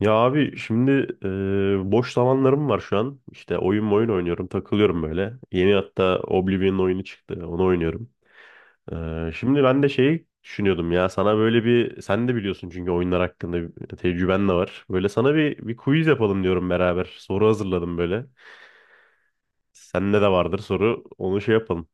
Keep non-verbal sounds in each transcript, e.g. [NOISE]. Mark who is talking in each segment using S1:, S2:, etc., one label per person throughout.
S1: Ya abi şimdi boş zamanlarım var şu an. İşte oyun oynuyorum, takılıyorum böyle. Yeni hatta Oblivion oyunu çıktı, onu oynuyorum. Şimdi ben de şeyi düşünüyordum ya, sana böyle sen de biliyorsun çünkü oyunlar hakkında bir tecrüben de var. Böyle sana bir quiz yapalım diyorum beraber. Soru hazırladım böyle. Sende de vardır soru, onu şey yapalım.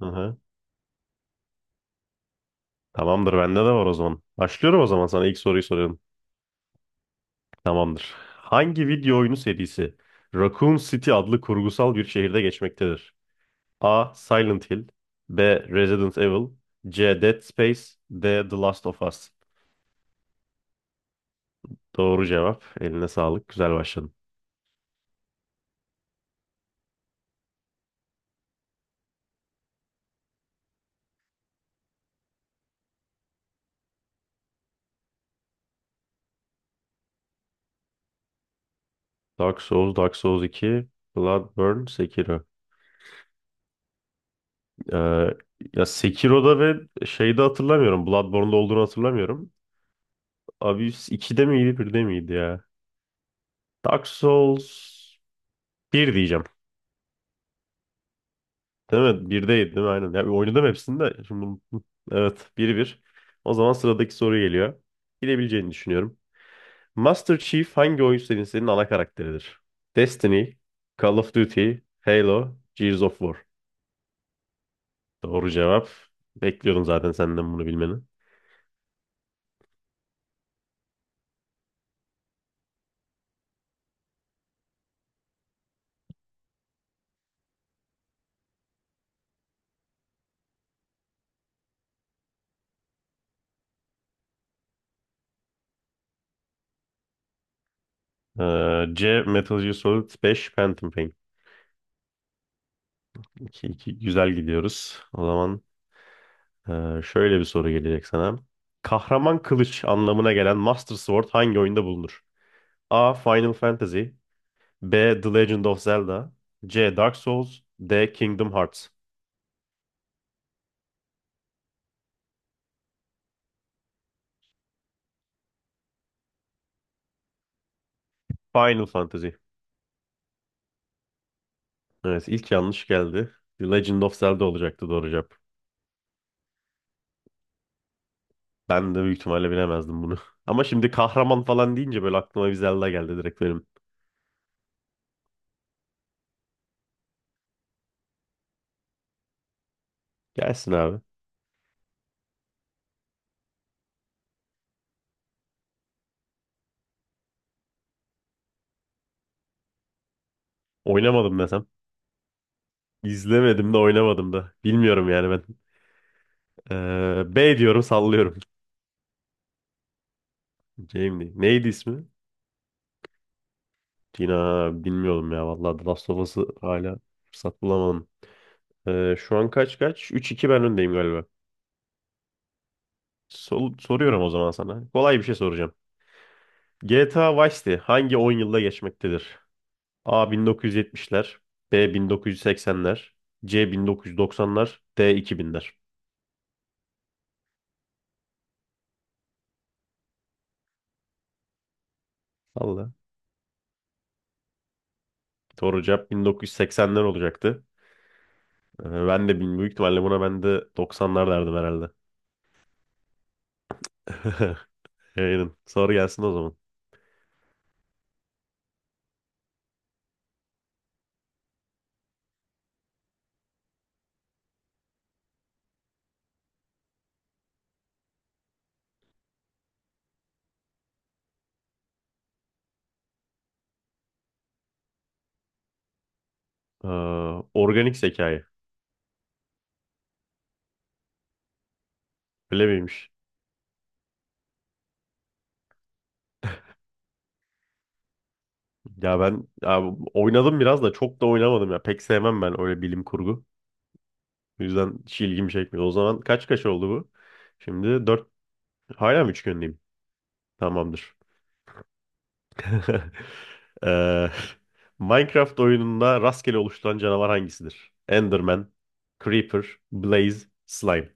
S1: Hı hı. Tamamdır, bende de var o zaman. Başlıyorum, o zaman sana ilk soruyu soruyorum. Tamamdır. Hangi video oyunu serisi Raccoon City adlı kurgusal bir şehirde geçmektedir? A. Silent Hill, B. Resident Evil, C. Dead Space, D. The Last of Us. Doğru cevap. Eline sağlık. Güzel başladın. Dark Souls, Dark Souls 2, Bloodborne, Sekiro. Ee, ya Sekiro'da ve şeyde hatırlamıyorum. Bloodborne'da olduğunu hatırlamıyorum. Abyss 2'de miydi, 1'de miydi ya? Dark Souls bir diyeceğim. Değil mi? 1'deydi değil mi? Aynen. Ya, oynadım hepsini de. Şimdi bunu- [LAUGHS] Evet, 1 bir. O zaman sıradaki soru geliyor. Bilebileceğini düşünüyorum. Master Chief hangi oyun serisinin ana karakteridir? Destiny, Call of Duty, Halo, Gears of War. Doğru cevap. Bekliyordum zaten senden bunu bilmeni. C. Metal Gear Solid 5 Phantom Pain. 2-2. Güzel gidiyoruz. O zaman şöyle bir soru gelecek sana. Kahraman kılıç anlamına gelen Master Sword hangi oyunda bulunur? A. Final Fantasy, B. The Legend of Zelda, C. Dark Souls, D. Kingdom Hearts. Final Fantasy. Evet, ilk yanlış geldi. The Legend of Zelda olacaktı doğru cevap. Ben de büyük ihtimalle bilemezdim bunu. [LAUGHS] Ama şimdi kahraman falan deyince böyle aklıma bir Zelda geldi direkt benim. Gelsin abi. Oynamadım desem. İzlemedim de oynamadım da. Bilmiyorum yani ben. B diyorum, sallıyorum. [LAUGHS] Jamie. Neydi ismi? Tina, bilmiyorum ya vallahi, The Last of Us'ı hala fırsat bulamadım. Şu an kaç kaç? 3-2 ben öndeyim galiba. Soruyorum o zaman sana. Kolay bir şey soracağım. GTA Vice City hangi 10 yılda geçmektedir? A. 1970'ler, B. 1980'ler, C. 1990'lar, D. 2000'ler. Allah. Doğru cevap 1980'ler olacaktı. Ben de büyük ihtimalle buna ben de 90'lar derdim herhalde. [LAUGHS] Aynen. Soru gelsin o zaman. Ee, organik zekayı. Öyle miymiş? Ya ben, ya oynadım biraz da çok da oynamadım ya. Pek sevmem ben öyle bilim kurgu. O yüzden hiç ilgimi çekmiyor. O zaman kaç kaç oldu bu? Şimdi dört. Hala mı 3 gönleyim? Tamamdır. [LAUGHS] Ee, [LAUGHS] Minecraft oyununda rastgele oluşturan canavar hangisidir? Enderman, Creeper, Blaze, Slime.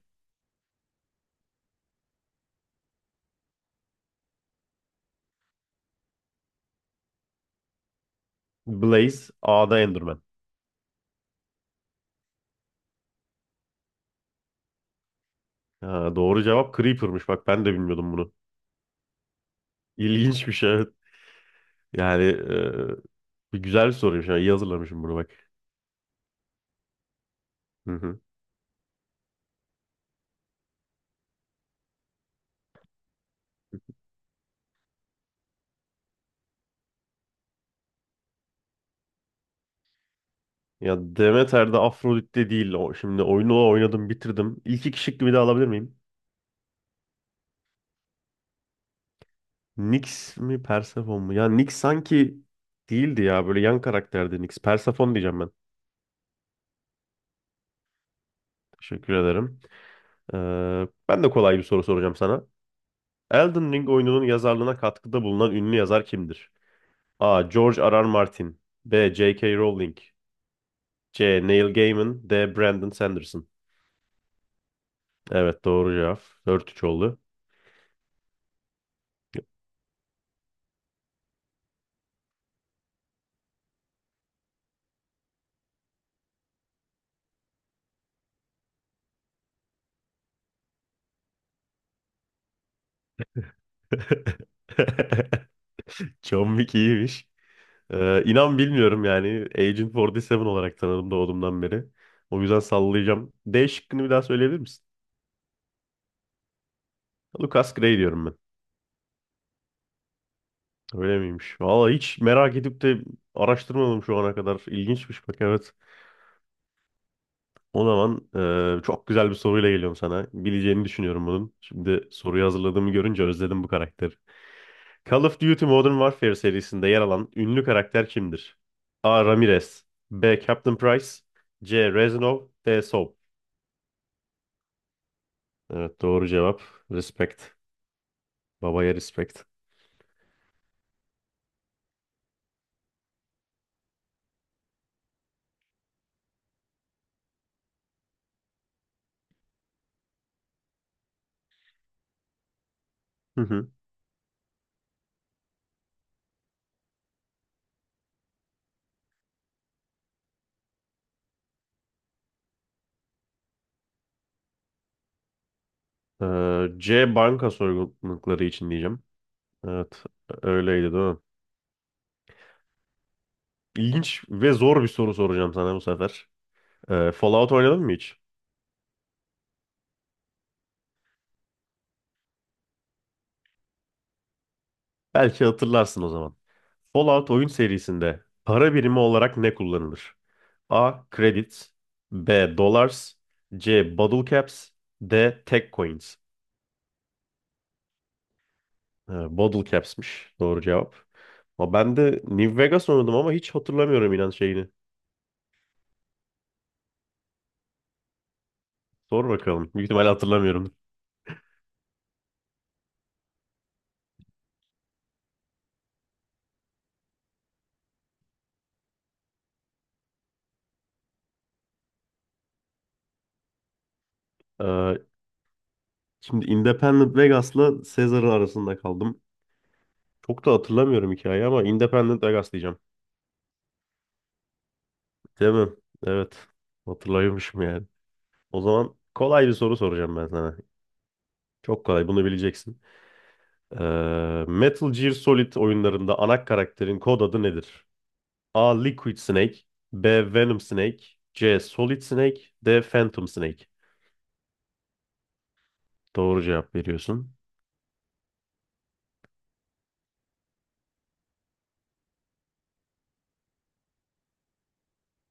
S1: Blaze, A'da Enderman. Ha, doğru cevap Creeper'mış. Bak ben de bilmiyordum bunu. İlginç bir şey, evet. Yani bir güzel bir soruymuş. Yani iyi hazırlamışım bunu, bak. Hı hı. Ya Demeter'de Afrodit'te değil. O, şimdi oyunu oynadım bitirdim. İlk iki şıkkı bir daha alabilir miyim? Nyx mi, Persephone mu? Ya Nyx sanki değildi ya. Böyle yan karakterdi Nyx. Persephone diyeceğim ben. Teşekkür ederim. Ben de kolay bir soru soracağım sana. Elden Ring oyununun yazarlığına katkıda bulunan ünlü yazar kimdir? A. George R. R. Martin, B. J. K. Rowling, C. Neil Gaiman, D. Brandon Sanderson. Evet, doğru cevap. 4-3 oldu. [LAUGHS] John Wick iyiymiş. İnan bilmiyorum yani. Agent 47 olarak tanıdım doğduğumdan beri. O yüzden sallayacağım. D şıkkını bir daha söyleyebilir misin? Lucas Gray diyorum ben. Öyle miymiş? Valla hiç merak edip de araştırmadım şu ana kadar. İlginçmiş bak, evet. O zaman çok güzel bir soruyla geliyorum sana. Bileceğini düşünüyorum bunun. Şimdi soruyu hazırladığımı görünce özledim bu karakteri. Call of Duty Modern Warfare serisinde yer alan ünlü karakter kimdir? A. Ramirez, B. Captain Price, C. Reznov, D. Soap. Evet, doğru cevap. Respect. Babaya respect. Hı hı. C, banka soygunlukları için diyeceğim. Evet, öyleydi değil mi? İlginç ve zor bir soru soracağım sana bu sefer. Fallout oynadın mı hiç? Belki hatırlarsın o zaman. Fallout oyun serisinde para birimi olarak ne kullanılır? A. Credits, B. Dollars, C. Bottle Caps, D. Tech Coins. Bottle Caps'miş doğru cevap. Ama ben de New Vegas oynadım ama hiç hatırlamıyorum inan şeyini. Sor bakalım. Büyük ihtimalle hatırlamıyorum. Ee, şimdi Independent Vegas'la Caesar'ın arasında kaldım. Çok da hatırlamıyorum hikayeyi ama Independent Vegas diyeceğim. Değil mi? Evet. Hatırlıyormuşum yani. O zaman kolay bir soru soracağım ben sana. Çok kolay. Bunu bileceksin. Ee, Metal Gear Solid oyunlarında ana karakterin kod adı nedir? A. Liquid Snake, B. Venom Snake, C. Solid Snake, D. Phantom Snake. Doğru cevap veriyorsun.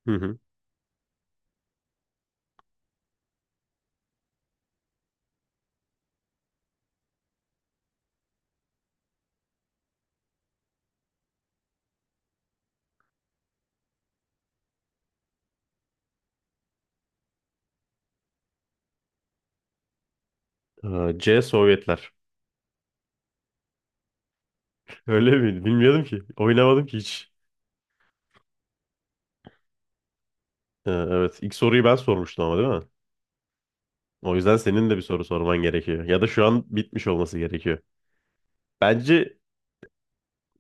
S1: Hı hı. C. Sovyetler. Öyle miydi? Bilmiyordum ki. Oynamadım ki hiç. Ha, evet. İlk soruyu ben sormuştum ama, değil mi? O yüzden senin de bir soru sorman gerekiyor. Ya da şu an bitmiş olması gerekiyor. Bence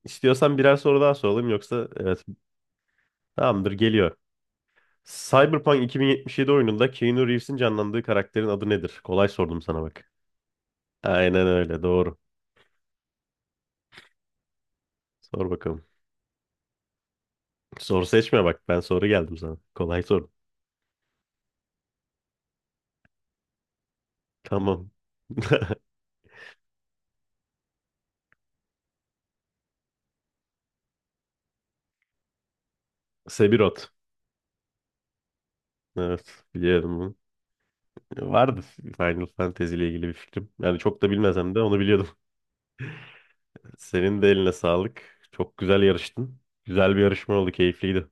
S1: istiyorsan birer soru daha soralım, yoksa evet, tamamdır geliyor. Cyberpunk 2077 oyununda Keanu Reeves'in canlandığı karakterin adı nedir? Kolay sordum sana, bak. Aynen öyle, doğru. Sor bakalım. Soru seçme, bak ben soru geldim sana. Kolay soru. Tamam. Sephiroth. Evet, biliyorum. Vardı Final Fantasy ile ilgili bir fikrim. Yani çok da bilmesem de onu biliyordum. [LAUGHS] Senin de eline sağlık. Çok güzel yarıştın. Güzel bir yarışma oldu, keyifliydi.